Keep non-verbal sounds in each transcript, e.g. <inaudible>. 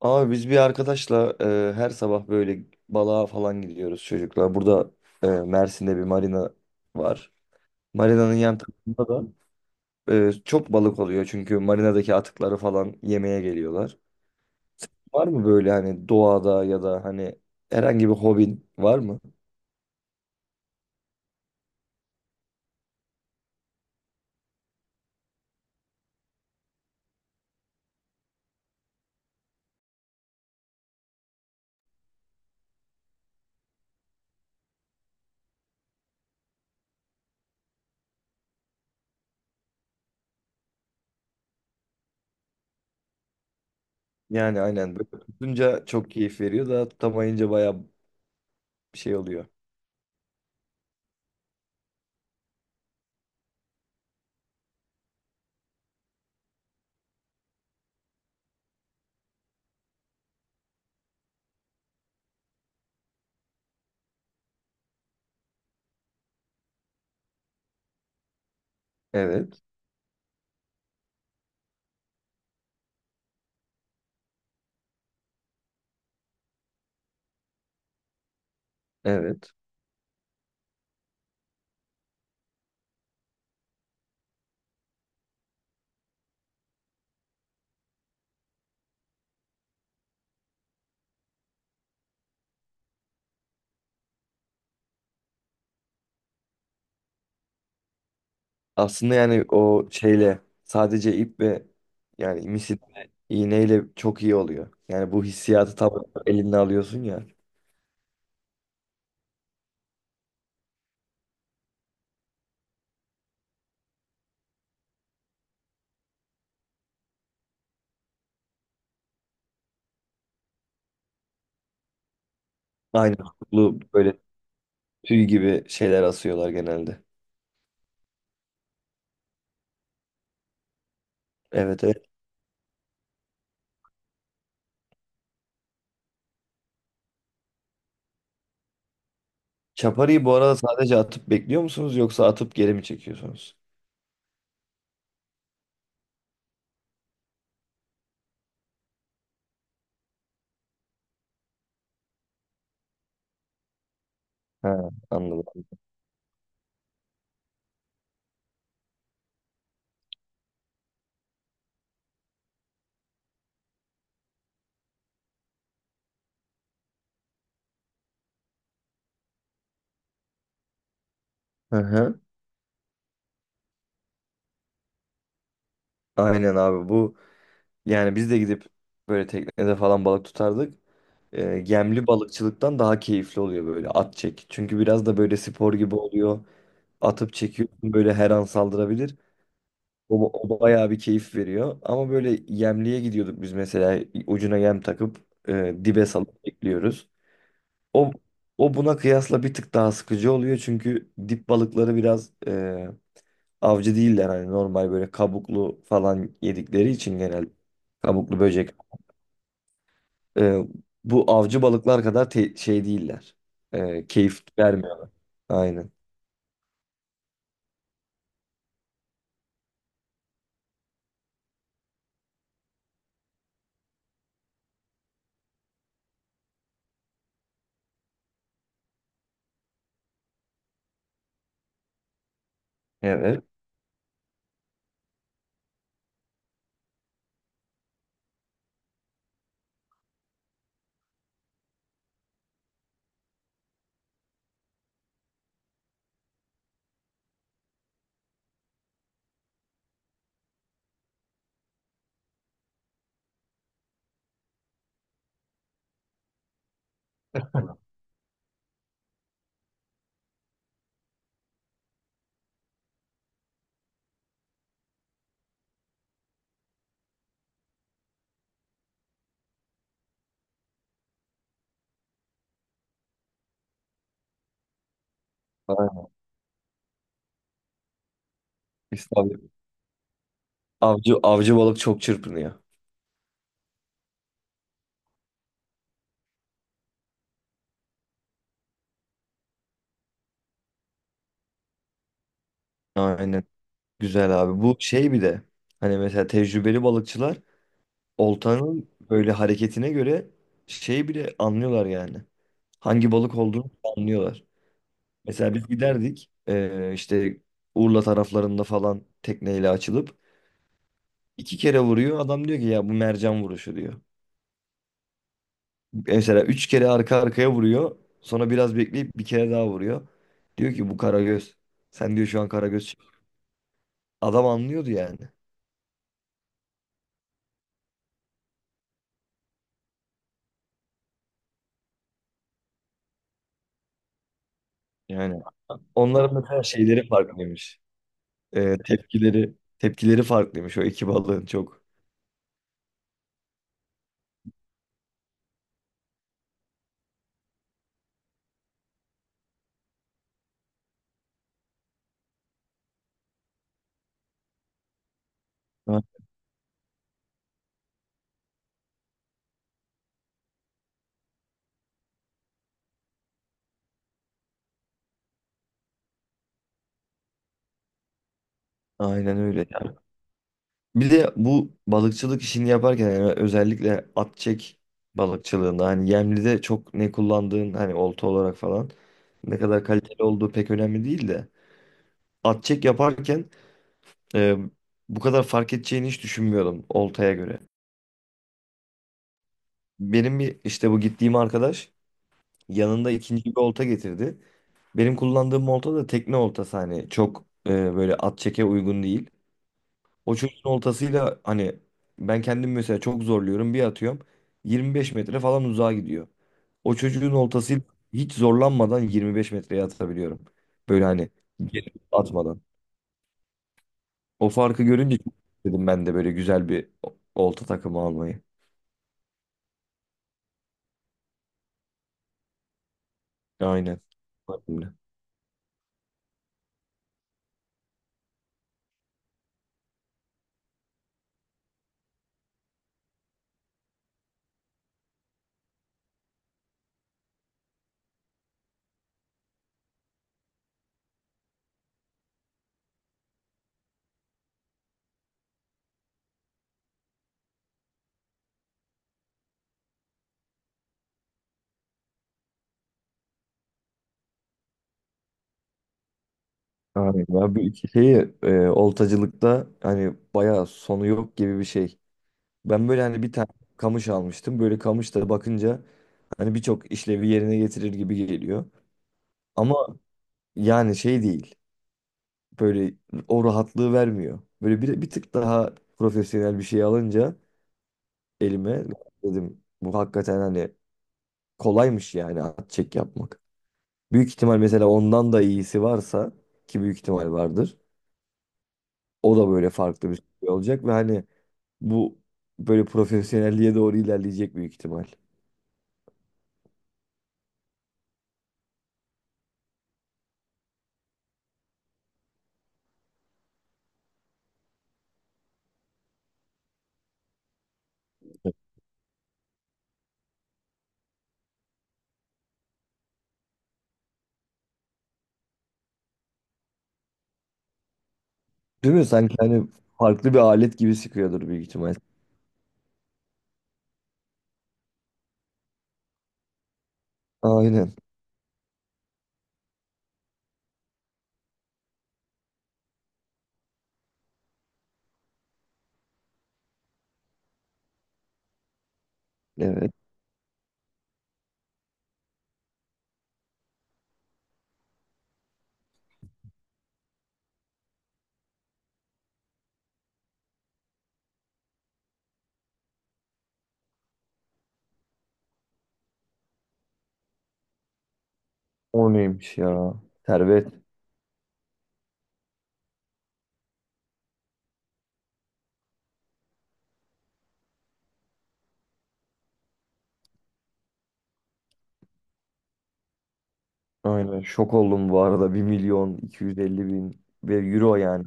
Abi biz bir arkadaşla her sabah böyle balığa falan gidiyoruz çocuklar. Burada Mersin'de bir marina var. Marinanın yan tarafında da çok balık oluyor çünkü marinadaki atıkları falan yemeye geliyorlar. Var mı böyle hani doğada ya da hani herhangi bir hobin var mı? Yani aynen böyle tutunca çok keyif veriyor da tutamayınca baya şey oluyor. Evet, evet. Aslında yani o şeyle sadece ip ve yani misil ve iğneyle çok iyi oluyor. Yani bu hissiyatı tam elinde alıyorsun ya. Aynı tutuklu böyle tüy gibi şeyler asıyorlar genelde. Evet, evet. Çaparıyı bu arada sadece atıp bekliyor musunuz yoksa atıp geri mi çekiyorsunuz? Ha, anladım. Hı hı. Aynen abi bu yani biz de gidip böyle teknede falan balık tutardık. Gemli balıkçılıktan daha keyifli oluyor böyle at çek. Çünkü biraz da böyle spor gibi oluyor. Atıp çekiyorsun böyle her an saldırabilir. O bayağı bir keyif veriyor. Ama böyle yemliğe gidiyorduk biz mesela ucuna yem takıp dibe salıp bekliyoruz. O, o buna kıyasla bir tık daha sıkıcı oluyor çünkü dip balıkları biraz avcı değiller hani normal böyle kabuklu falan yedikleri için genelde kabuklu böcek. E, Bu avcı balıklar kadar şey değiller. Keyif vermiyor. Aynen. Evet. Biz avcı balık çok çırpınıyor. Aynen. Güzel abi. Bu şey bir de hani mesela tecrübeli balıkçılar oltanın böyle hareketine göre şey bile anlıyorlar yani. Hangi balık olduğunu anlıyorlar. Mesela biz giderdik işte Urla taraflarında falan tekneyle açılıp iki kere vuruyor. Adam diyor ki ya bu mercan vuruşu diyor. Mesela üç kere arka arkaya vuruyor. Sonra biraz bekleyip bir kere daha vuruyor. Diyor ki bu karagöz. Sen diyor şu an karagöz. Adam anlıyordu yani. Yani onların mesela şeyleri farklıymış. Tepkileri tepkileri farklıymış o iki balığın çok. Ha, aynen öyle ya. Bir de bu balıkçılık işini yaparken yani özellikle at çek balıkçılığında hani yemlide çok ne kullandığın hani olta olarak falan ne kadar kaliteli olduğu pek önemli değil de at çek yaparken e, bu kadar fark edeceğini hiç düşünmüyordum oltaya göre. Benim bir işte bu gittiğim arkadaş yanında ikinci bir olta getirdi. Benim kullandığım olta da tekne oltası hani çok böyle at çeke uygun değil. O çocuğun oltasıyla hani ben kendim mesela çok zorluyorum bir atıyorum 25 metre falan uzağa gidiyor. O çocuğun oltasıyla hiç zorlanmadan 25 metreye atabiliyorum. Böyle hani gelip atmadan. O farkı görünce çok dedim ben de böyle güzel bir olta takımı almayı. Aynen. Aynen. Aynen. Ya bu iki şeyi oltacılıkta hani bayağı sonu yok gibi bir şey. Ben böyle hani bir tane kamış almıştım. Böyle kamış da bakınca hani birçok işlevi yerine getirir gibi geliyor. Ama yani şey değil. Böyle o rahatlığı vermiyor. Böyle bir tık daha profesyonel bir şey alınca elime dedim bu hakikaten hani kolaymış yani at çek yapmak. Büyük ihtimal mesela ondan da iyisi varsa ki büyük ihtimal vardır. O da böyle farklı bir şey olacak ve hani bu böyle profesyonelliğe doğru ilerleyecek büyük ihtimal. Değil mi? Sanki hani farklı bir alet gibi sıkıyordur büyük ihtimal. Aynen. Evet. O neymiş ya? Servet. Aynen. Şok oldum bu arada. 1.250.000 ve euro yani.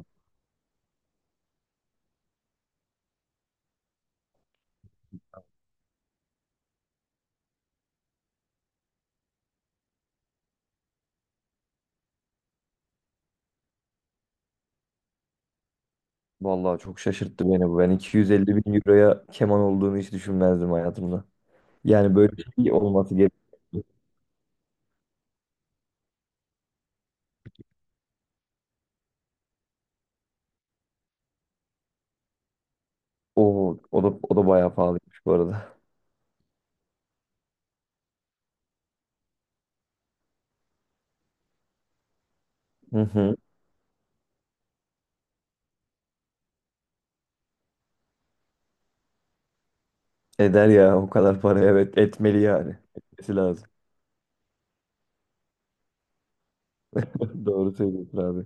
Vallahi çok şaşırttı beni bu. Ben 250 bin euroya keman olduğunu hiç düşünmezdim hayatımda. Yani böyle bir şey olması gerek. O da bayağı pahalıymış bu arada. Hı hı. Eder ya o kadar para evet etmeli yani. Etmesi lazım. <laughs> Doğru söylüyorsun abi.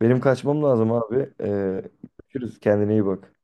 Benim kaçmam lazım abi. Görüşürüz. Kendine iyi bak.